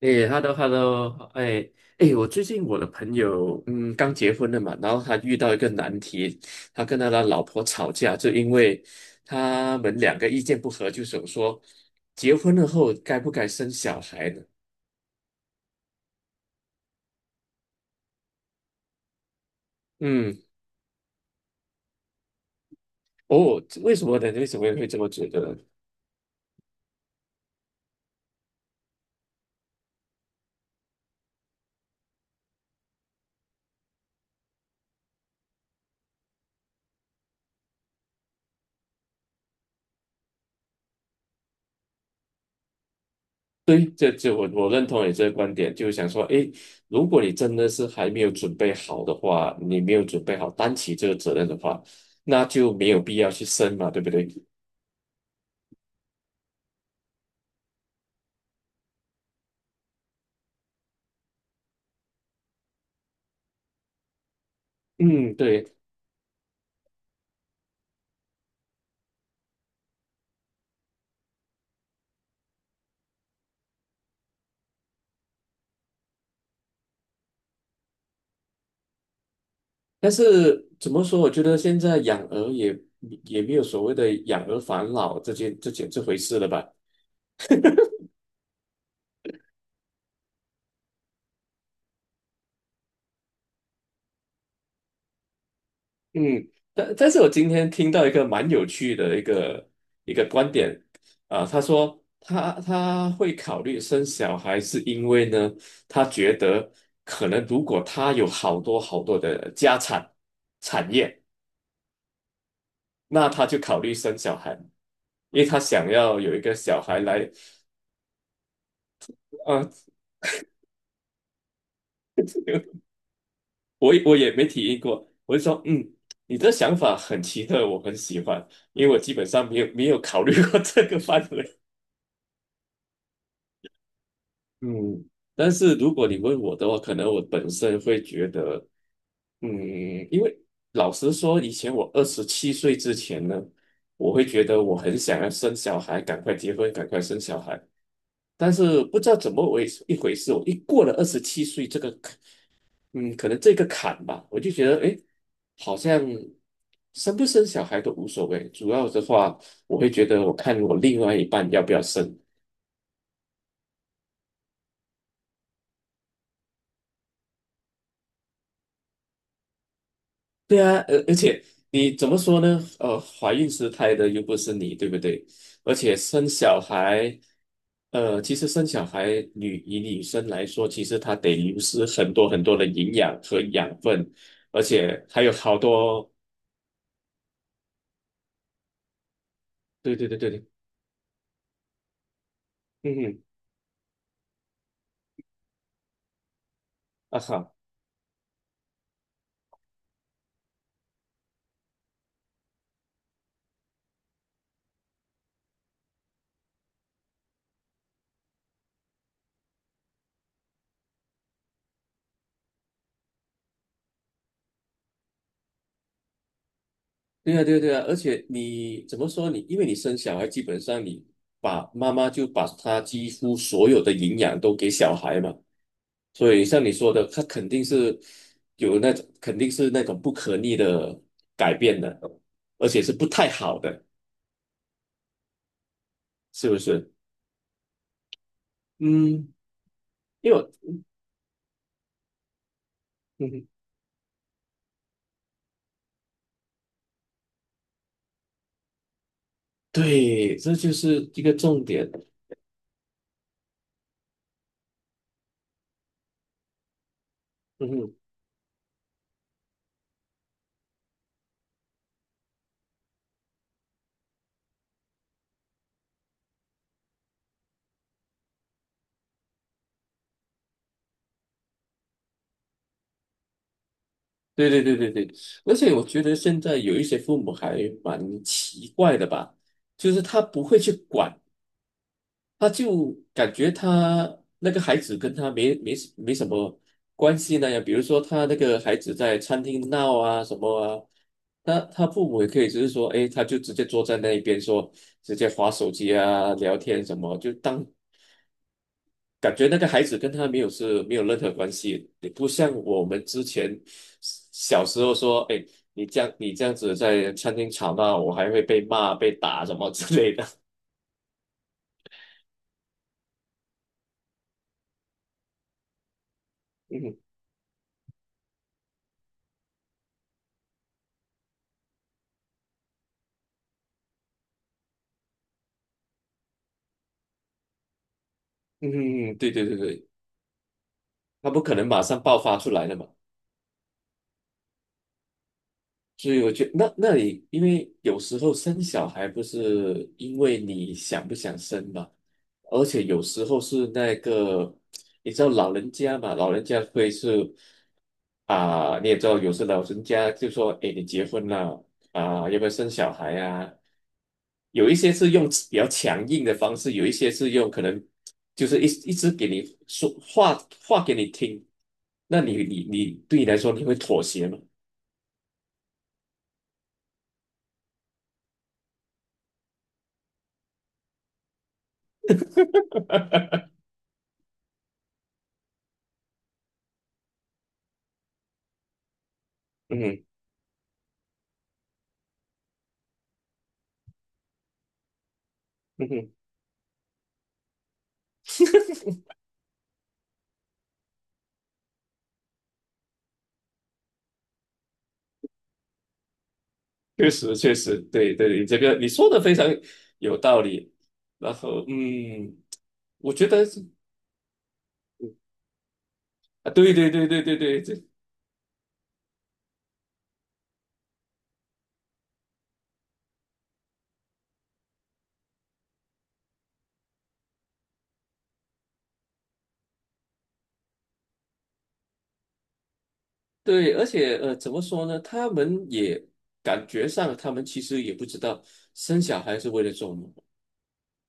诶，hello，hello，哎，哎，我最近我的朋友，刚结婚了嘛，然后他遇到一个难题，他跟他的老婆吵架，就因为他们两个意见不合，就想说，结婚了后该不该生小孩呢？嗯，哦，为什么呢？为什么会这么觉得呢？对，这我认同你这个观点，就是想说，诶，如果你真的是还没有准备好的话，你没有准备好担起这个责任的话，那就没有必要去生嘛，对不对？嗯，对。但是怎么说？我觉得现在养儿也没有所谓的养儿防老这回事了吧？嗯，但是我今天听到一个蛮有趣的一个观点啊，他说他会考虑生小孩，是因为呢，他觉得可能如果他有好多好多的产业，那他就考虑生小孩，因为他想要有一个小孩来，啊，我也没体验过，我就说，你的想法很奇特，我很喜欢，因为我基本上没有考虑过 这个范围。嗯 但是如果你问我的话，可能我本身会觉得，嗯，因为老实说，以前我二十七岁之前呢，我会觉得我很想要生小孩，赶快结婚，赶快生小孩。但是不知道怎么回一回事，我一过了二十七岁这个嗯，可能这个坎吧，我就觉得，哎，好像生不生小孩都无所谓，主要的话，我会觉得，我看我另外一半要不要生。对啊，而且你怎么说呢？怀孕时胎的又不是你，对不对？而且生小孩，其实生小孩女生来说，其实她得流失很多很多的营养和养分，而且还有好多，对对对对对，嗯哼，啊哈。对啊，对啊，对啊，而且你怎么说你，因为你生小孩，基本上你把妈妈就把她几乎所有的营养都给小孩嘛，所以像你说的，她肯定是有那种，肯定是那种不可逆的改变的，而且是不太好的，是不是？嗯，因为我嗯哼，对，这就是一个重点。嗯哼，对对对对对，而且我觉得现在有一些父母还蛮奇怪的吧。就是他不会去管他就感觉他那个孩子跟他没什么关系那样，比如说他那个孩子在餐厅闹啊什么啊，他父母也可以只是说，哎，他就直接坐在那一边说，直接划手机啊，聊天什么，就当感觉那个孩子跟他没有任何关系，也不像我们之前小时候说，哎，你这样子在餐厅吵闹，我还会被骂被打什么之类的。嗯嗯，嗯对对对对。他不可能马上爆发出来的嘛。所以我觉得那里，因为有时候生小孩不是因为你想不想生嘛，而且有时候是那个，你知道老人家嘛，老人家会是。啊，你也知道，有时老人家就说：“哎，你结婚了啊，要不要生小孩啊？”有一些是用比较强硬的方式，有一些是用可能就是一直给你说话给你听。那你你你对你来说，你会妥协吗？嗯哼嗯哼 确实确实，对对，你这个你说的非常有道理。然后我觉得是啊，对对对对对对，对，而且怎么说呢？他们也感觉上，他们其实也不知道生小孩是为了做什么，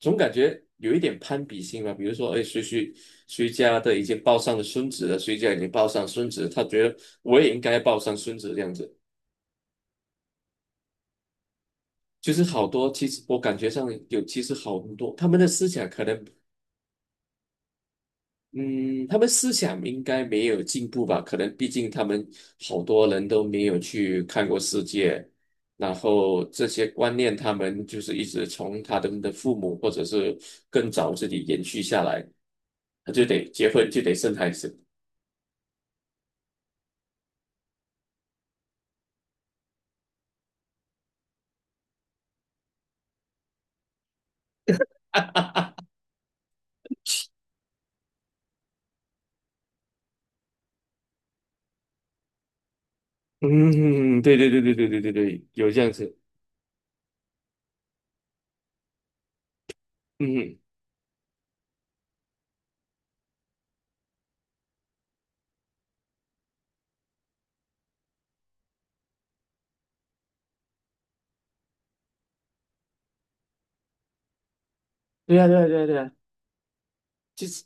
总感觉有一点攀比心吧。比如说，哎，谁家的已经抱上了孙子了，谁家已经抱上孙子了，他觉得我也应该抱上孙子这样子。就是好多，其实我感觉上有，其实好多，他们的思想可能嗯，他们思想应该没有进步吧？可能毕竟他们好多人都没有去看过世界，然后这些观念他们就是一直从他们的父母或者是更早自己延续下来，他就得结婚就得生孩子。嗯，对对对对对对对对，有这样子。嗯，对呀对呀对呀对呀，就是。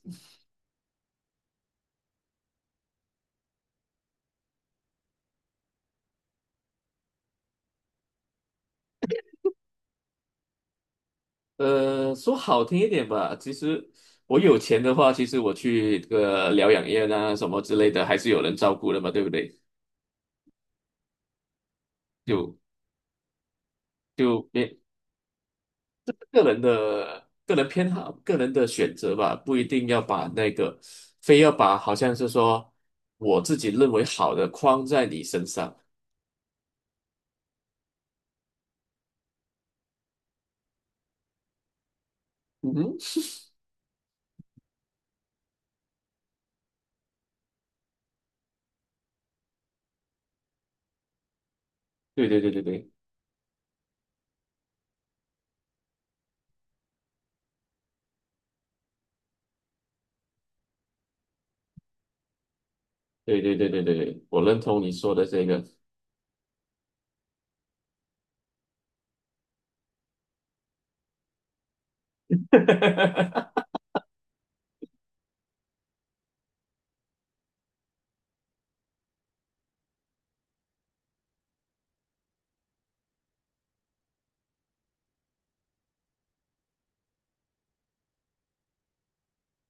说好听一点吧，其实我有钱的话，其实我去这个疗养院啊什么之类的，还是有人照顾的嘛，对不对？就就别个人的个人偏好、个人的选择吧，不一定要把那个非要把好像是说我自己认为好的框在你身上。嗯哼对对对对对对对对对对对，我认同你说的这个。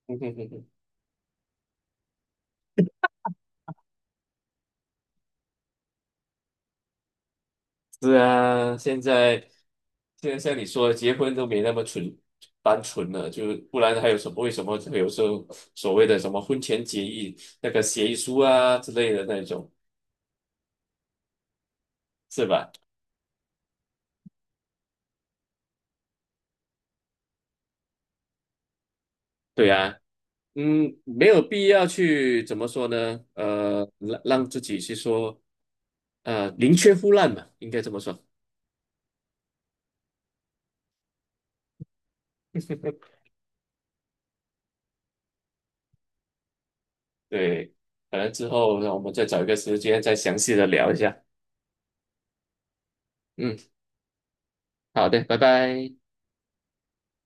嗯哼哼哼是啊，现在像你说的，结婚都没那么单纯了，就不然还有什么？为什么会有时候所谓的什么婚前协议、那个协议书啊之类的那种，是吧？对啊，没有必要去怎么说呢？让自己去说，宁缺毋滥嘛，应该这么说 对，可能之后让我们再找一个时间再详细的聊一下。嗯，好的，拜拜。